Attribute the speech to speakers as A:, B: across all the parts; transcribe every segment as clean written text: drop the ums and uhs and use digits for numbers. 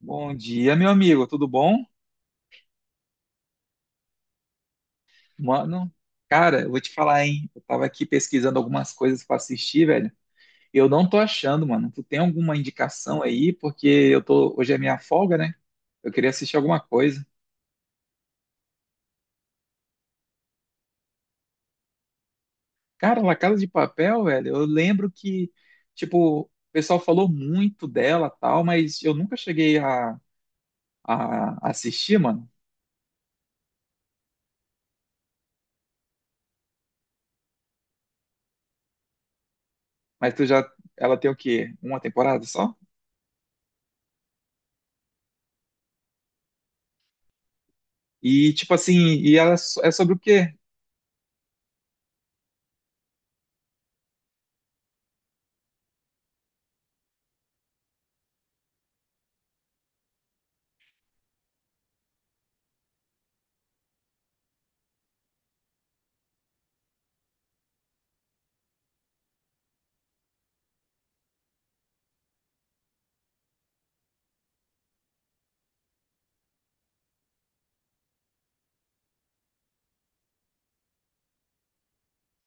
A: Bom dia, meu amigo, tudo bom? Mano, cara, eu vou te falar, hein? Eu tava aqui pesquisando algumas coisas pra assistir, velho. Eu não tô achando, mano. Tu tem alguma indicação aí? Porque eu tô, hoje é minha folga, né? Eu queria assistir alguma coisa. Cara, La Casa de Papel, velho, eu lembro que, tipo, o pessoal falou muito dela, tal, mas eu nunca cheguei a assistir, mano. Mas tu já, ela tem o quê? Uma temporada só? E, tipo assim, e ela é é sobre o quê?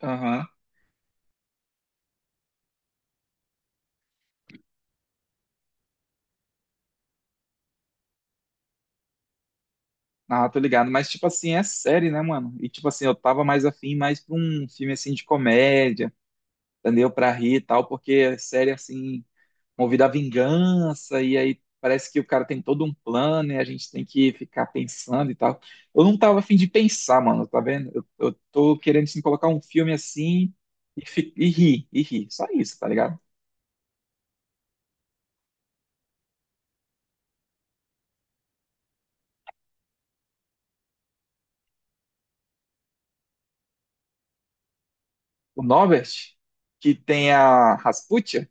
A: Aham. Ah, tô ligado, mas tipo assim, é série, né, mano? E tipo assim, eu tava mais afim mais pra um filme assim de comédia, entendeu? Pra rir e tal, porque é série assim, movida à vingança, e aí parece que o cara tem todo um plano e a gente tem que ficar pensando e tal. Eu não tava afim de pensar, mano, tá vendo? Eu tô querendo assim, colocar um filme assim e, e rir, só isso, tá ligado? O Norbert, que tem a Rasputia.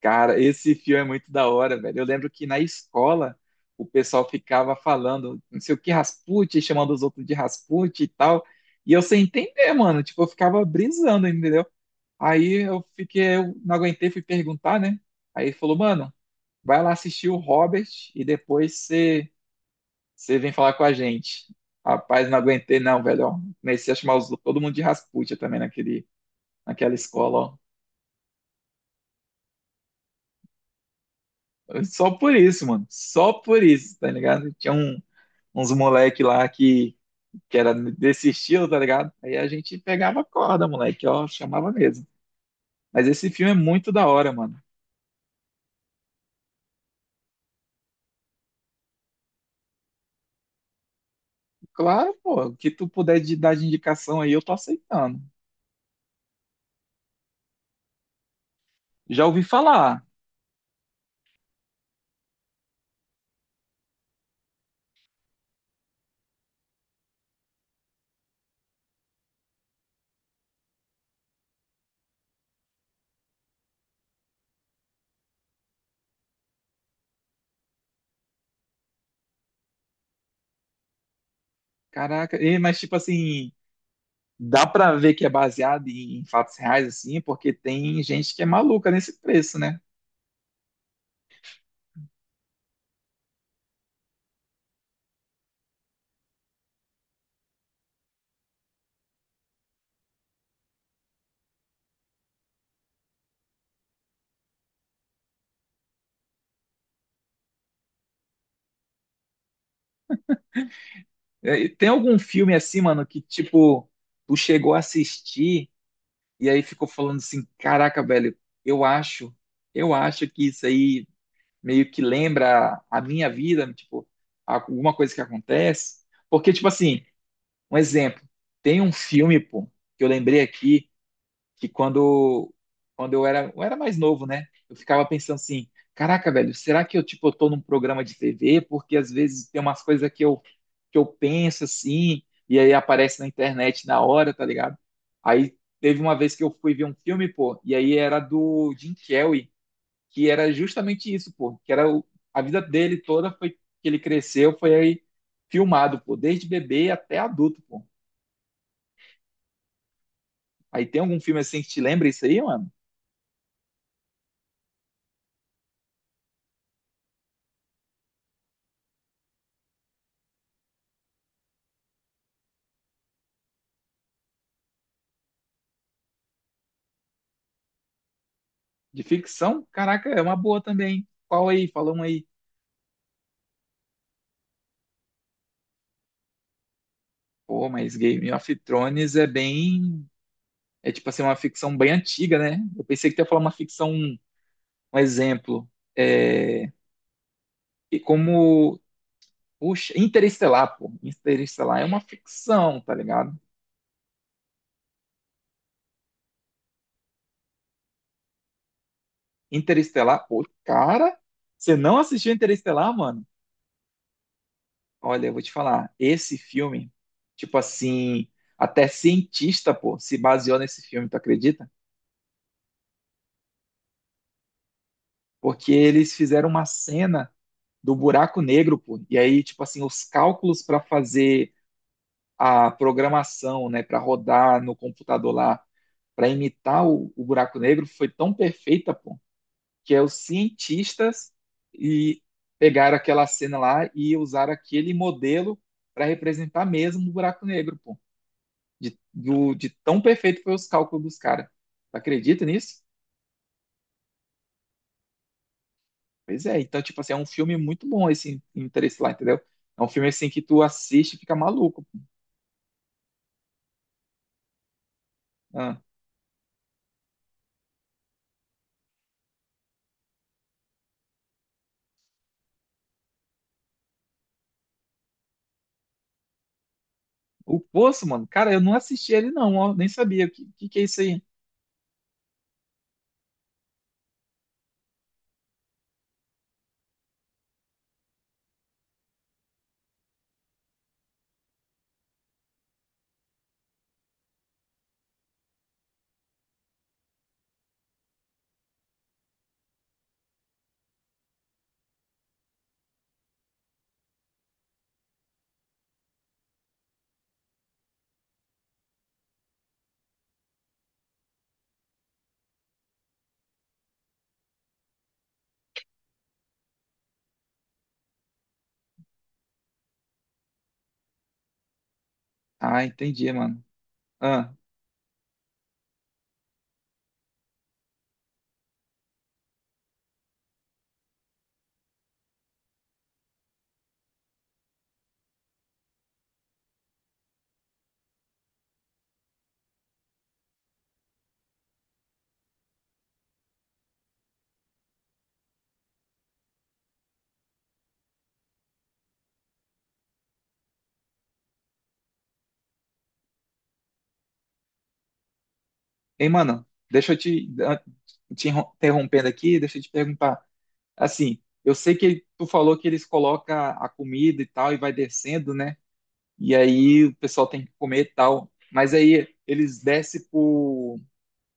A: Cara, esse filme é muito da hora, velho. Eu lembro que na escola o pessoal ficava falando, não sei o que, Rasputin, chamando os outros de Rasputin e tal. E eu sem entender, mano. Tipo, eu ficava brisando, entendeu? Aí eu fiquei, eu não aguentei, fui perguntar, né? Aí ele falou, mano, vai lá assistir o Robert e depois você vem falar com a gente. Rapaz, não aguentei, não, velho. Ó. Comecei a chamar todo mundo de Rasputin também naquele, naquela escola, ó. Só por isso, mano. Só por isso, tá ligado? Tinha uns moleque lá que era desse estilo, tá ligado? Aí a gente pegava a corda, moleque, ó, chamava mesmo. Mas esse filme é muito da hora, mano. Claro, pô, o que tu puder dar de indicação aí, eu tô aceitando. Já ouvi falar. Caraca, mas tipo assim, dá pra ver que é baseado em fatos reais, assim, porque tem gente que é maluca nesse preço, né? E tem algum filme assim, mano, que tipo, tu chegou a assistir e aí ficou falando assim: caraca, velho, eu acho, eu acho que isso aí meio que lembra a minha vida, tipo, alguma coisa que acontece. Porque, tipo assim, um exemplo, tem um filme, pô, que eu lembrei aqui, que quando, quando eu era mais novo, né? Eu ficava pensando assim, caraca, velho, será que eu, tipo, eu tô num programa de TV? Porque às vezes tem umas coisas que eu penso assim, e aí aparece na internet na hora, tá ligado? Aí teve uma vez que eu fui ver um filme, pô, e aí era do Jim Carrey, que era justamente isso, pô, que era a vida dele toda foi que ele cresceu, foi aí filmado, pô, desde bebê até adulto, pô. Aí tem algum filme assim que te lembra isso aí, mano? De ficção? Caraca, é uma boa também. Qual aí? Fala um aí. Pô, mas Game of Thrones é bem. É tipo assim, uma ficção bem antiga, né? Eu pensei que tu ia falar uma ficção, um exemplo. É... E como. Puxa, Interestelar, pô. Interestelar é uma ficção, tá ligado? Interestelar, pô, cara, você não assistiu Interestelar, mano? Olha, eu vou te falar, esse filme, tipo assim, até cientista, pô, se baseou nesse filme, tu acredita? Porque eles fizeram uma cena do buraco negro, pô. E aí, tipo assim, os cálculos para fazer a programação, né, para rodar no computador lá, para imitar o buraco negro, foi tão perfeita, pô, que é os cientistas e pegaram aquela cena lá e usaram aquele modelo para representar mesmo o buraco negro, pô. De, de tão perfeito foi os cálculos dos caras. Acredita nisso? Pois é. Então, tipo assim, é um filme muito bom esse Interestelar, entendeu? É um filme assim que tu assiste e fica maluco, pô. Ah. O Poço, mano, cara, eu não assisti ele não, ó, nem sabia. O que, que é isso aí? Ah, entendi, mano. Ah, ei mano, deixa eu te, ah, interrompendo aqui, deixa eu te perguntar. Assim, eu sei que tu falou que eles colocam a comida e tal e vai descendo, né? E aí o pessoal tem que comer e tal. Mas aí eles descem por,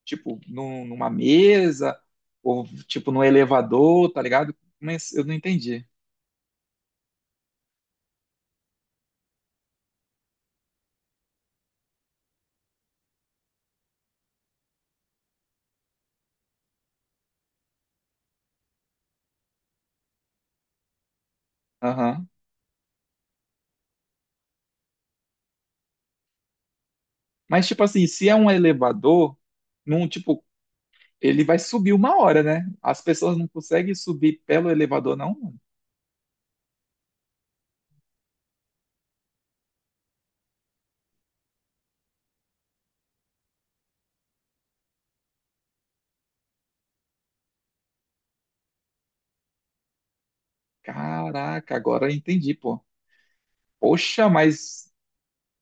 A: tipo, numa mesa ou, tipo, num elevador, tá ligado? Mas eu não entendi. Aham. Mas, tipo assim, se é um elevador num tipo ele vai subir uma hora, né? As pessoas não conseguem subir pelo elevador, não? Caraca, agora eu entendi, pô. Poxa, mas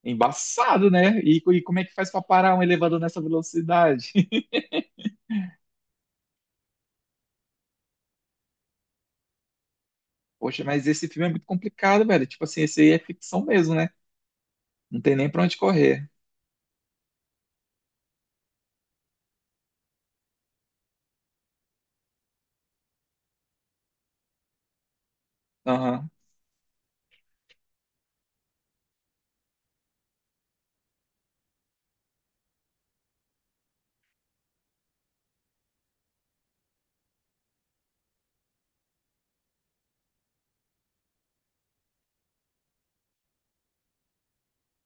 A: embaçado, né? E, e como é que faz pra parar um elevador nessa velocidade? Poxa, mas esse filme é muito complicado, velho. Tipo assim, esse aí é ficção mesmo, né? Não tem nem pra onde correr. Aham.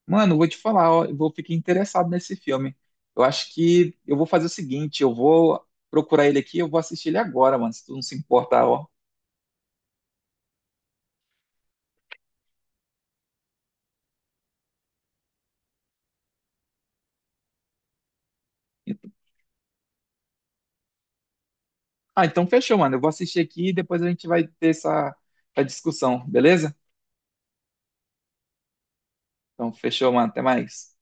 A: Mano, vou te falar, ó, eu vou ficar interessado nesse filme. Eu acho que eu vou fazer o seguinte, eu vou procurar ele aqui, eu vou assistir ele agora, mano, se tu não se importar, ó. Ah, então fechou, mano. Eu vou assistir aqui e depois a gente vai ter essa, essa discussão, beleza? Então fechou, mano. Até mais.